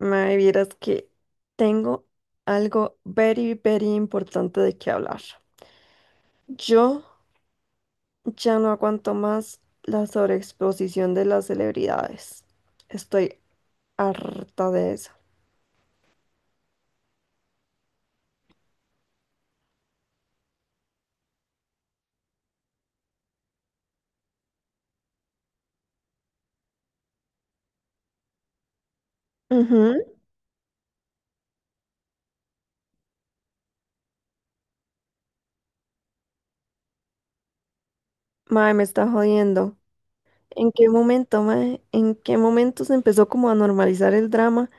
Mae, vieras que tengo algo very, very importante de qué hablar. Yo ya no aguanto más la sobreexposición de las celebridades. Estoy harta de eso. Ujú. Mae, me está jodiendo. ¿En qué momento, mae? ¿En qué momento se empezó como a normalizar el drama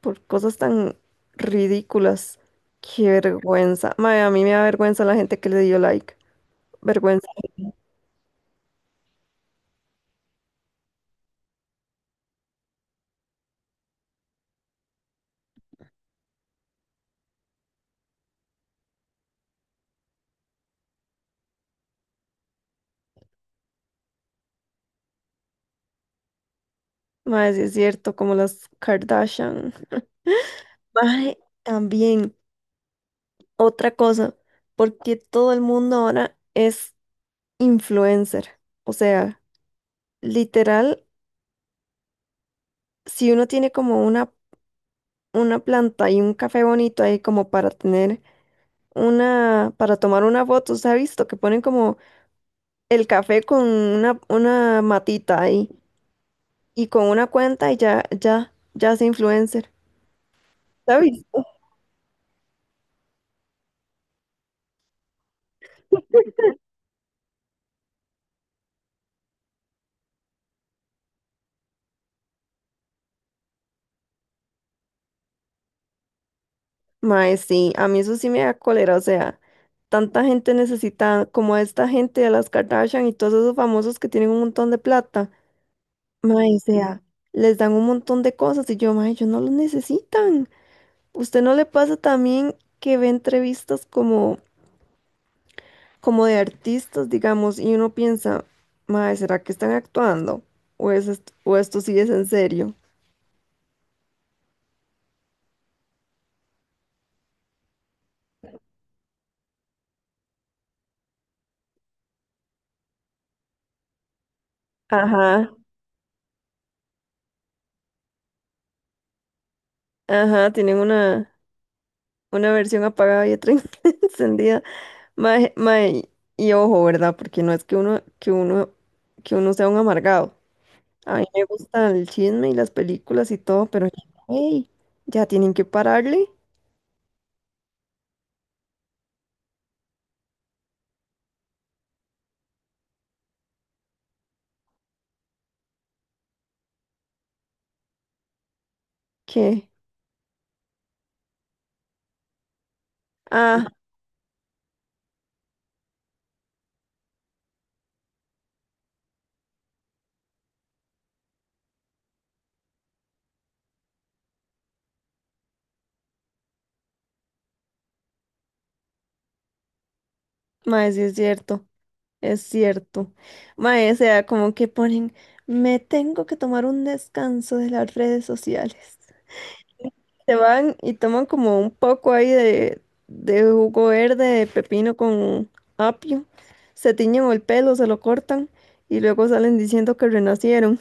por cosas tan ridículas? Qué vergüenza. Mae, a mí me da vergüenza la gente que le dio like. Vergüenza. Mae, sí es cierto, como las Kardashian. Mae, también otra cosa, porque todo el mundo ahora es influencer. O sea, literal, si uno tiene como una planta y un café bonito ahí como para tener para tomar una foto, se ha visto que ponen como el café con una matita ahí y con una cuenta y ya, ya, ya es influencer. ¿Se visto? Mae, sí, a mí eso sí me da cólera, o sea, tanta gente necesita, como a esta gente de las Kardashian y todos esos famosos que tienen un montón de plata, mae, o sea, les dan un montón de cosas y yo, mae, ellos no los necesitan. ¿Usted no le pasa también que ve entrevistas como, como de artistas, digamos, y uno piensa, mae, ¿será que están actuando? ¿O es o esto sí es en serio? Ajá, ajá, tienen una versión apagada y otra encendida. Mae, mae, y ojo, ¿verdad? Porque no es que uno sea un amargado. A mí me gusta el chisme y las películas y todo, pero ey, ya tienen que pararle. ¿Qué? Ah, mae, sí es cierto, es cierto. Mae, o sea, como que ponen, me tengo que tomar un descanso de las redes sociales. Se van y toman como un poco ahí de jugo verde, de pepino con apio, se tiñen el pelo, se lo cortan y luego salen diciendo que renacieron.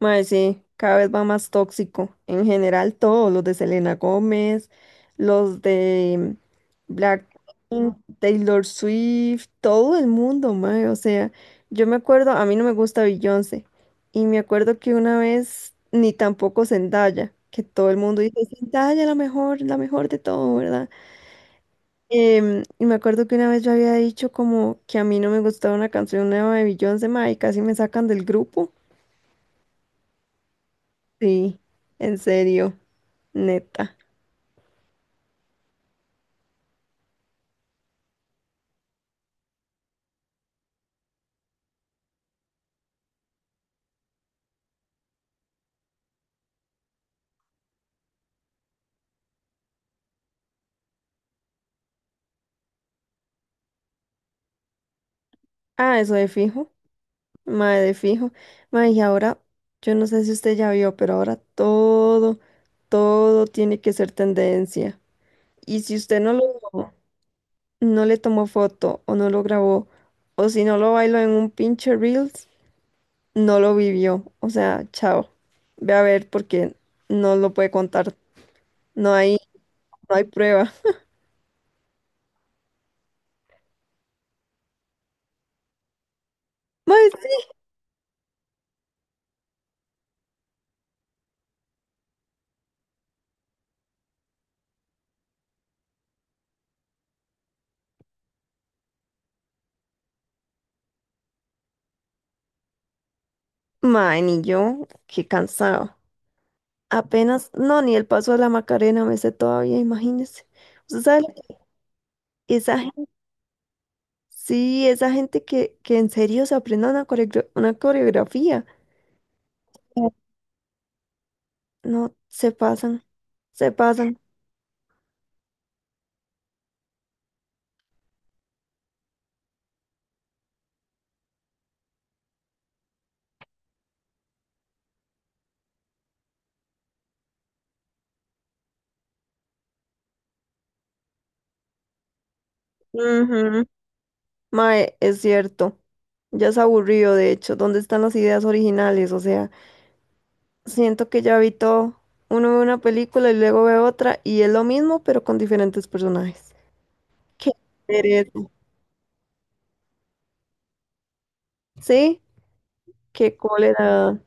Mae, sí, cada vez va más tóxico. En general, todos los de Selena Gómez, los de Blackpink, Taylor Swift, todo el mundo, mae. O sea, yo me acuerdo, a mí no me gusta Beyoncé. Y me acuerdo que una vez, ni tampoco Zendaya, que todo el mundo dice Zendaya la mejor de todo, ¿verdad? Y me acuerdo que una vez yo había dicho como que a mí no me gustaba una canción nueva de Beyoncé, mae, y casi me sacan del grupo. Sí, en serio, neta. Ah, eso de fijo. Mae, y ahora, yo no sé si usted ya vio, pero ahora todo, todo tiene que ser tendencia. Y si usted no lo, no le tomó foto o no lo grabó, o si no lo bailó en un pinche Reels, no lo vivió. O sea, chao. Ve a ver porque no lo puede contar. No hay, no hay prueba. Mae, sí. Mae, ni yo, qué cansado. Apenas, no, ni el paso de la Macarena me sé todavía, imagínese. Usted sabe, esa gente, sí, esa gente que en serio se aprenda una, una coreografía. Sí. No, se pasan, se pasan. Ujú. Mae, es cierto. Ya es aburrido, de hecho. ¿Dónde están las ideas originales? O sea, siento que ya vi todo. Uno ve una película y luego ve otra y es lo mismo, pero con diferentes personajes. Qué pereza. Sí, qué cólera.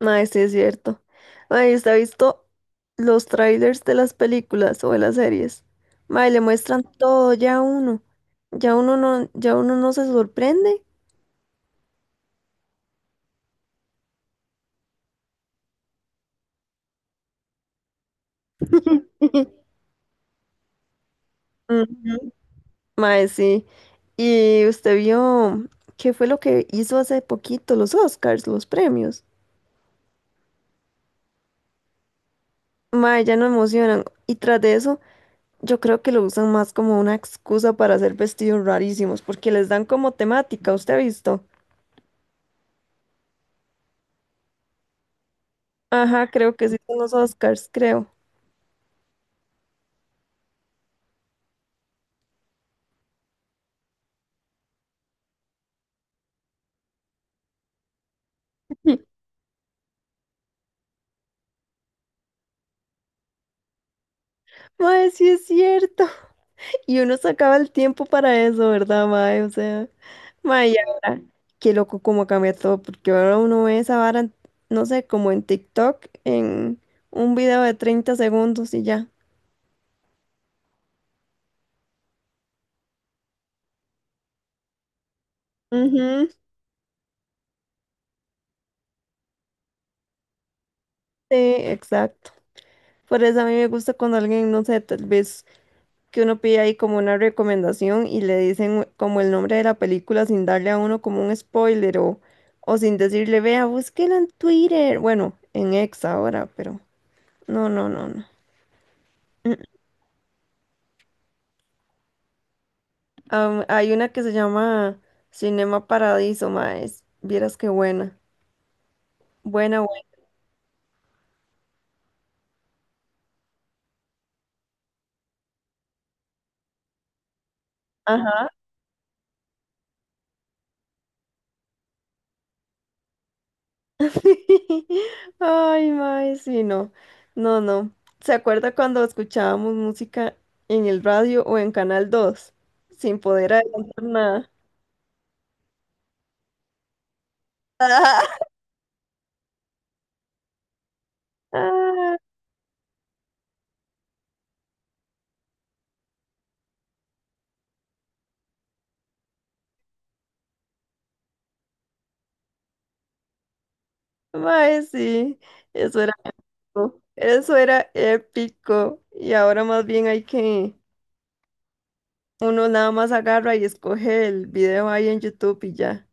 Mae, sí es cierto. Mae, ¿usted ha visto los trailers de las películas o de las series? Mae, le muestran todo ya a uno. Ya uno no se sorprende. Ujú. Mae, sí. Y usted vio qué fue lo que hizo hace poquito los Oscars, los premios. Mae, ya no emocionan. Y tras de eso, yo creo que lo usan más como una excusa para hacer vestidos rarísimos, porque les dan como temática, ¿usted ha visto? Ajá, creo que sí son los Oscars, creo. Mae, sí es cierto. Y uno sacaba el tiempo para eso, ¿verdad, mae? O sea, mae, y ahora, qué loco cómo cambia todo, porque ahora uno ve esa vara, en- no sé, como en TikTok, en un video de 30 segundos y ya. Ujú. Sí, exacto. Por eso a mí me gusta cuando alguien, no sé, tal vez que uno pide ahí como una recomendación y le dicen como el nombre de la película sin darle a uno como un spoiler o sin decirle, vea, búsquela en Twitter. Bueno, en X ahora, pero... No, no, no, no. Hay una que se llama Cinema Paradiso, maes. Vieras qué buena. Buena, buena. Ajá. Ay, maes, sí, no. No, no. ¿Se acuerda cuando escuchábamos música en el radio o en Canal 2, sin poder adelantar nada? Ah, mae, sí, eso era algo, eso era épico. Y ahora más bien hay que, uno nada más agarra y escoge el video ahí en YouTube y ya.